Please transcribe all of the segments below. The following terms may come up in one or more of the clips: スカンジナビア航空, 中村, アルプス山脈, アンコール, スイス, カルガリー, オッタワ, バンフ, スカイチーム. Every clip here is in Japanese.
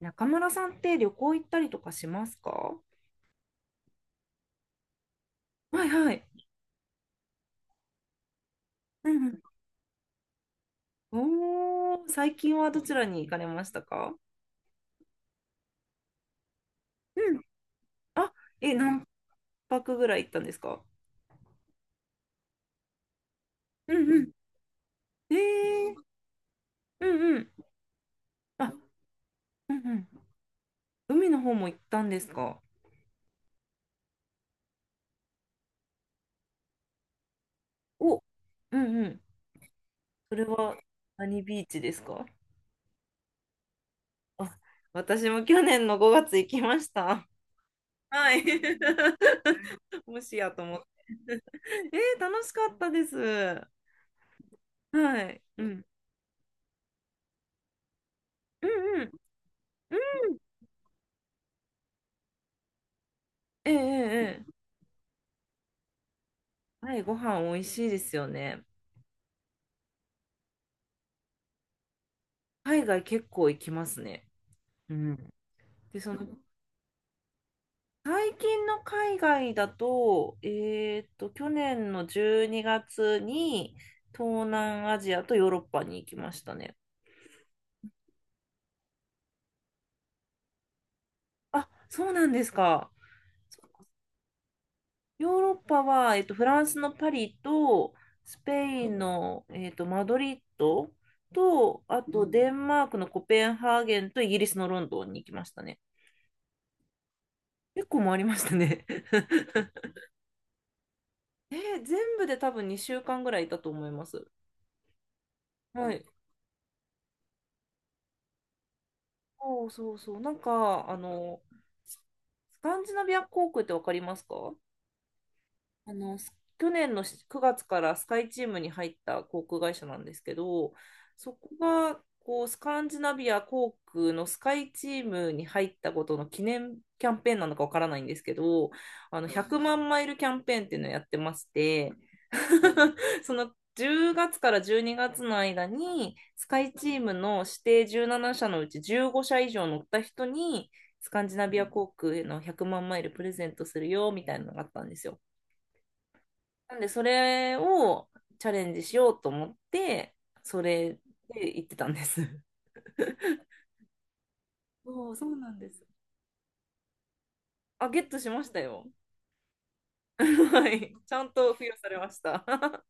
中村さんって旅行行ったりとかしますか？はいはい。うんうん。おー、最近はどちらに行かれましたか？うん。あ、何泊ぐらい行ったんですか？うんうん。えー。うんうん。あ。うんうん。海の方も行ったんですか？お。うんうん。それは何ビーチですか？あ、私も去年の5月行きました。はい。もしやと思って。楽しかったです。はい。うんうんうん。うん。ええええ。ええ。はい、ご飯美味しいですよね。海外結構行きますね。うん。で、最近の海外だと、去年の12月にがつに東南アジアとヨーロッパに行きましたね。あ、そうなんですか。かヨーロッパは、フランスのパリと、スペインの、マドリッドと、あとデンマークのコペンハーゲンとイギリスのロンドンに行きましたね。結構回りましたね。全部で多分2週間ぐらいいたと思います。はい。そうそうそう。なんか、ススカンジナビア航空ってわかりますか？あの、す去年の9月からスカイチームに入った航空会社なんですけど、そこがこうスカンジナビア航空のスカイチームに入ったことの記念キャンペーンなのかわからないんですけど、あの100万マイルキャンペーンっていうのをやってまして、その10月から12月の間にスカイチームの指定17社のうち15社以上乗った人にスカンジナビア航空への100万マイルプレゼントするよみたいなのがあったんですよ。なんで、それをチャレンジしようと思って、それで行ってたんです。そう、そうなんです。あ、ゲットしましたよ。はい。ちゃんと付与されました。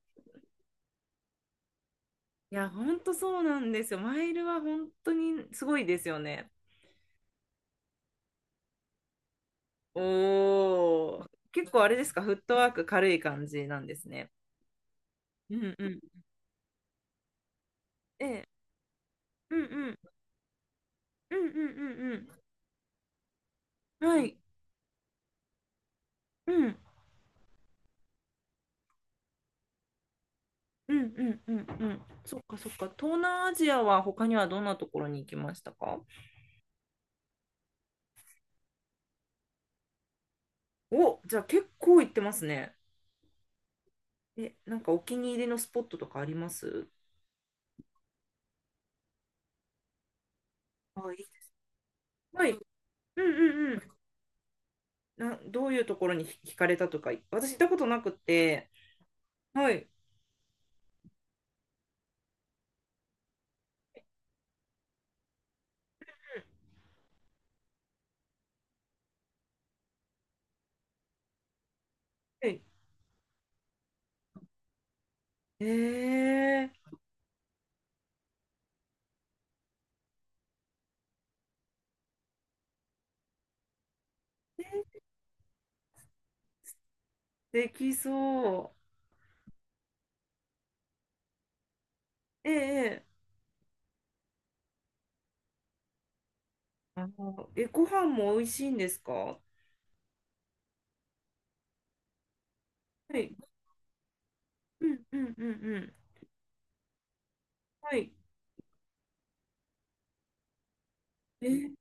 いや、ほんとそうなんですよ。マイルは本当にすごいですよね。おー。結構あれですか、フットワーク軽い感じなんですね。うんうん。ええ。うんうん。うんうんうんうん。はい。うん。うんうんうんうん。そっかそっか。東南アジアは他にはどんなところに行きましたか？お、じゃあ結構行ってますね。なんかお気に入りのスポットとかあります？はい。はい。うんうんうん。どういうところに惹かれたとか、私行ったことなくて。はい。え、えー、できそう。ええええ。ご飯も美味しいんですか？はい。うんうんうんうん。はい。えー、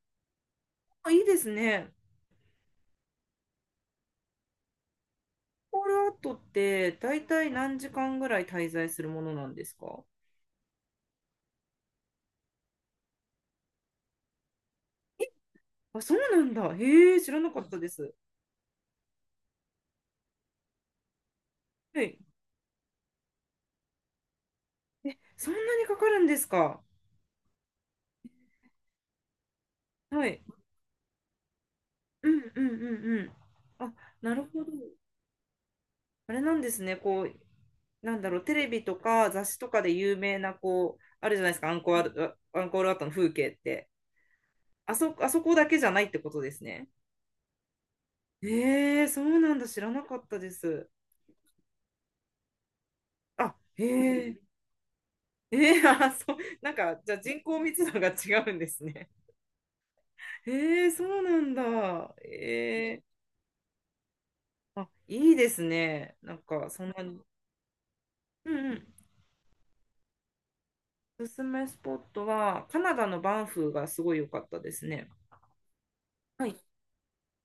あいいですね。コールアウトって大体何時間ぐらい滞在するものなんですか？あ、そうなんだ。へえ、知らなかったです。はい。え、そんなにかかるんですか？はい。うんうんうんうん。あ、なるほど。あれなんですね。こう、なんだろう、テレビとか雑誌とかで有名な、こう、あるじゃないですか、アンコールアウトの風景って。あそこだけじゃないってことですね。へえ、そうなんだ。知らなかったです。あ、へえ。えあ、そう、なんか、じゃあ人口密度が違うんですね。えそうなんだ。あ、いいですね。なんか、そんなに。うんうん。おすすめスポットは、カナダのバンフがすごい良かったですね。はい。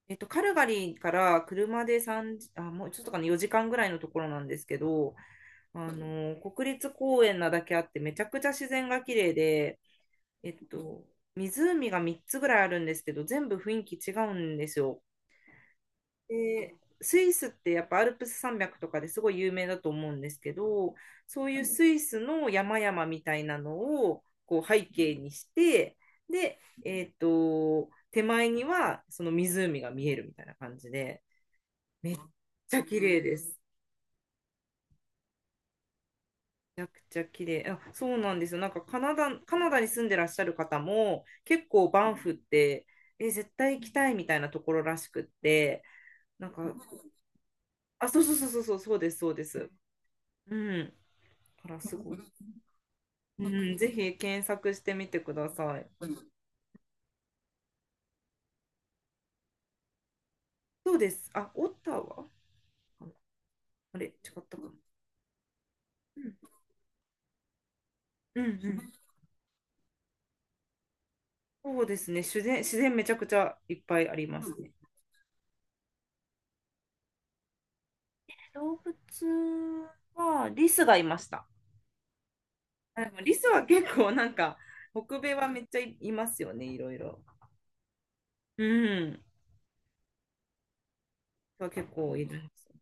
カルガリーから車で3、あ、もうちょっとかな、4時間ぐらいのところなんですけど、国立公園なだけあって、めちゃくちゃ自然が綺麗で、えっと、湖が3つぐらいあるんですけど、全部雰囲気違うんですよ。で、スイスってやっぱアルプス山脈とかですごい有名だと思うんですけど、そういうスイスの山々みたいなのをこう背景にして、で、手前にはその湖が見えるみたいな感じで、めっちゃ綺麗です。めちゃくちゃ綺麗。あ、そうなんですよ。なんかカナダに住んでらっしゃる方も結構バンフって絶対行きたいみたいなところらしくって、なんか、あ、そうそうそうそうそうそうですそうです。うん。から、すごい。うん、ぜひ検索してみてください。そうです。あ、オッタワかな。あれ、違ったかな。うん、うん、うん。そうですね。自然、自然めちゃくちゃいっぱいありますね。動物は、リスがいました。でもリスは結構なんか、北米はめっちゃいますよね、いろいろ。うん。は結構いるんですよ。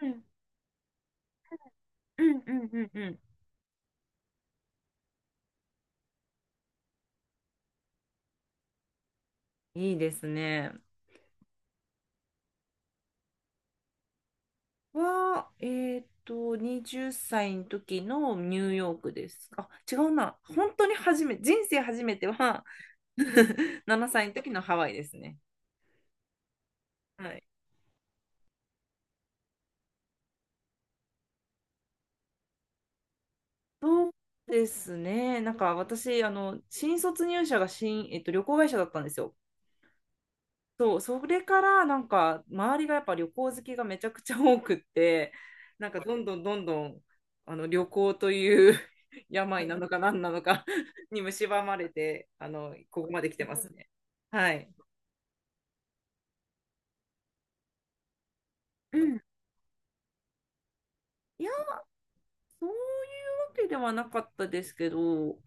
うん、うん、うん、うん、うん。いいですね。は、20歳の時のニューヨークです。あ、違うな。本当に人生初めては 7歳の時のハワイですね。はい。ですね。なんか私、新卒入社が旅行会社だったんですよ。そう、それからなんか周りがやっぱ旅行好きがめちゃくちゃ多くって、なんかどんどんどんどんあの旅行という 病なのか何なのか に蝕まれて、ここまで来てますね。はい。うん。いや、そういうわけではなかったですけど、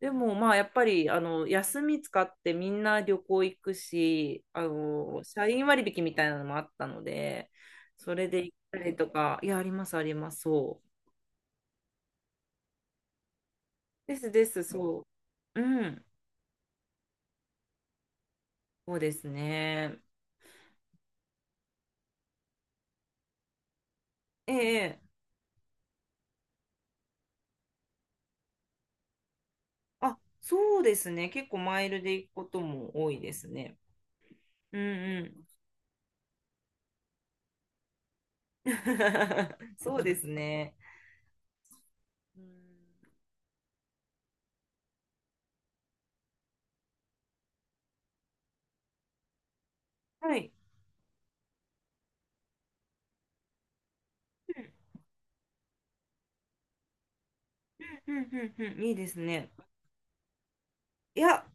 でもまあやっぱりあの休み使ってみんな旅行行くし、社員割引みたいなのもあったので、それで行ったりとか、いや、ありますあります、そう。ですです、そう。うん、そうですね。ええ、あ、そうですね。結構マイルで行くことも多いですね。うんうん。そうですね。うんはい。うんうんうんうんうん、いいですね。いや、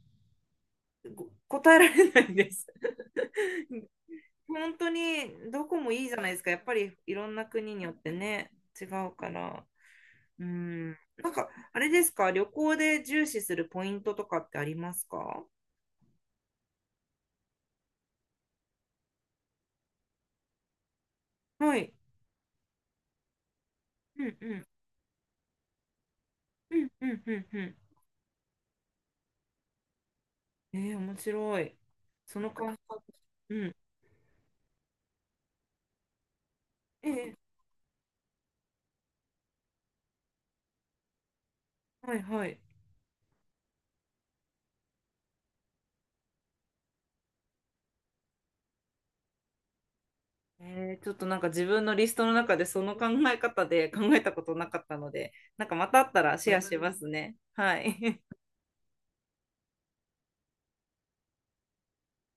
ご答えられないです。本当にどこもいいじゃないですか。やっぱりいろんな国によってね、違うから。うん。なんか、あれですか、旅行で重視するポイントとかってありますか？はい。うんうんうんうんうんうん。面白い。その感覚。うん。ええ。はいはい。ちょっとなんか自分のリストの中でその考え方で考えたことなかったので、なんかまたあったらシェアしますね。はい。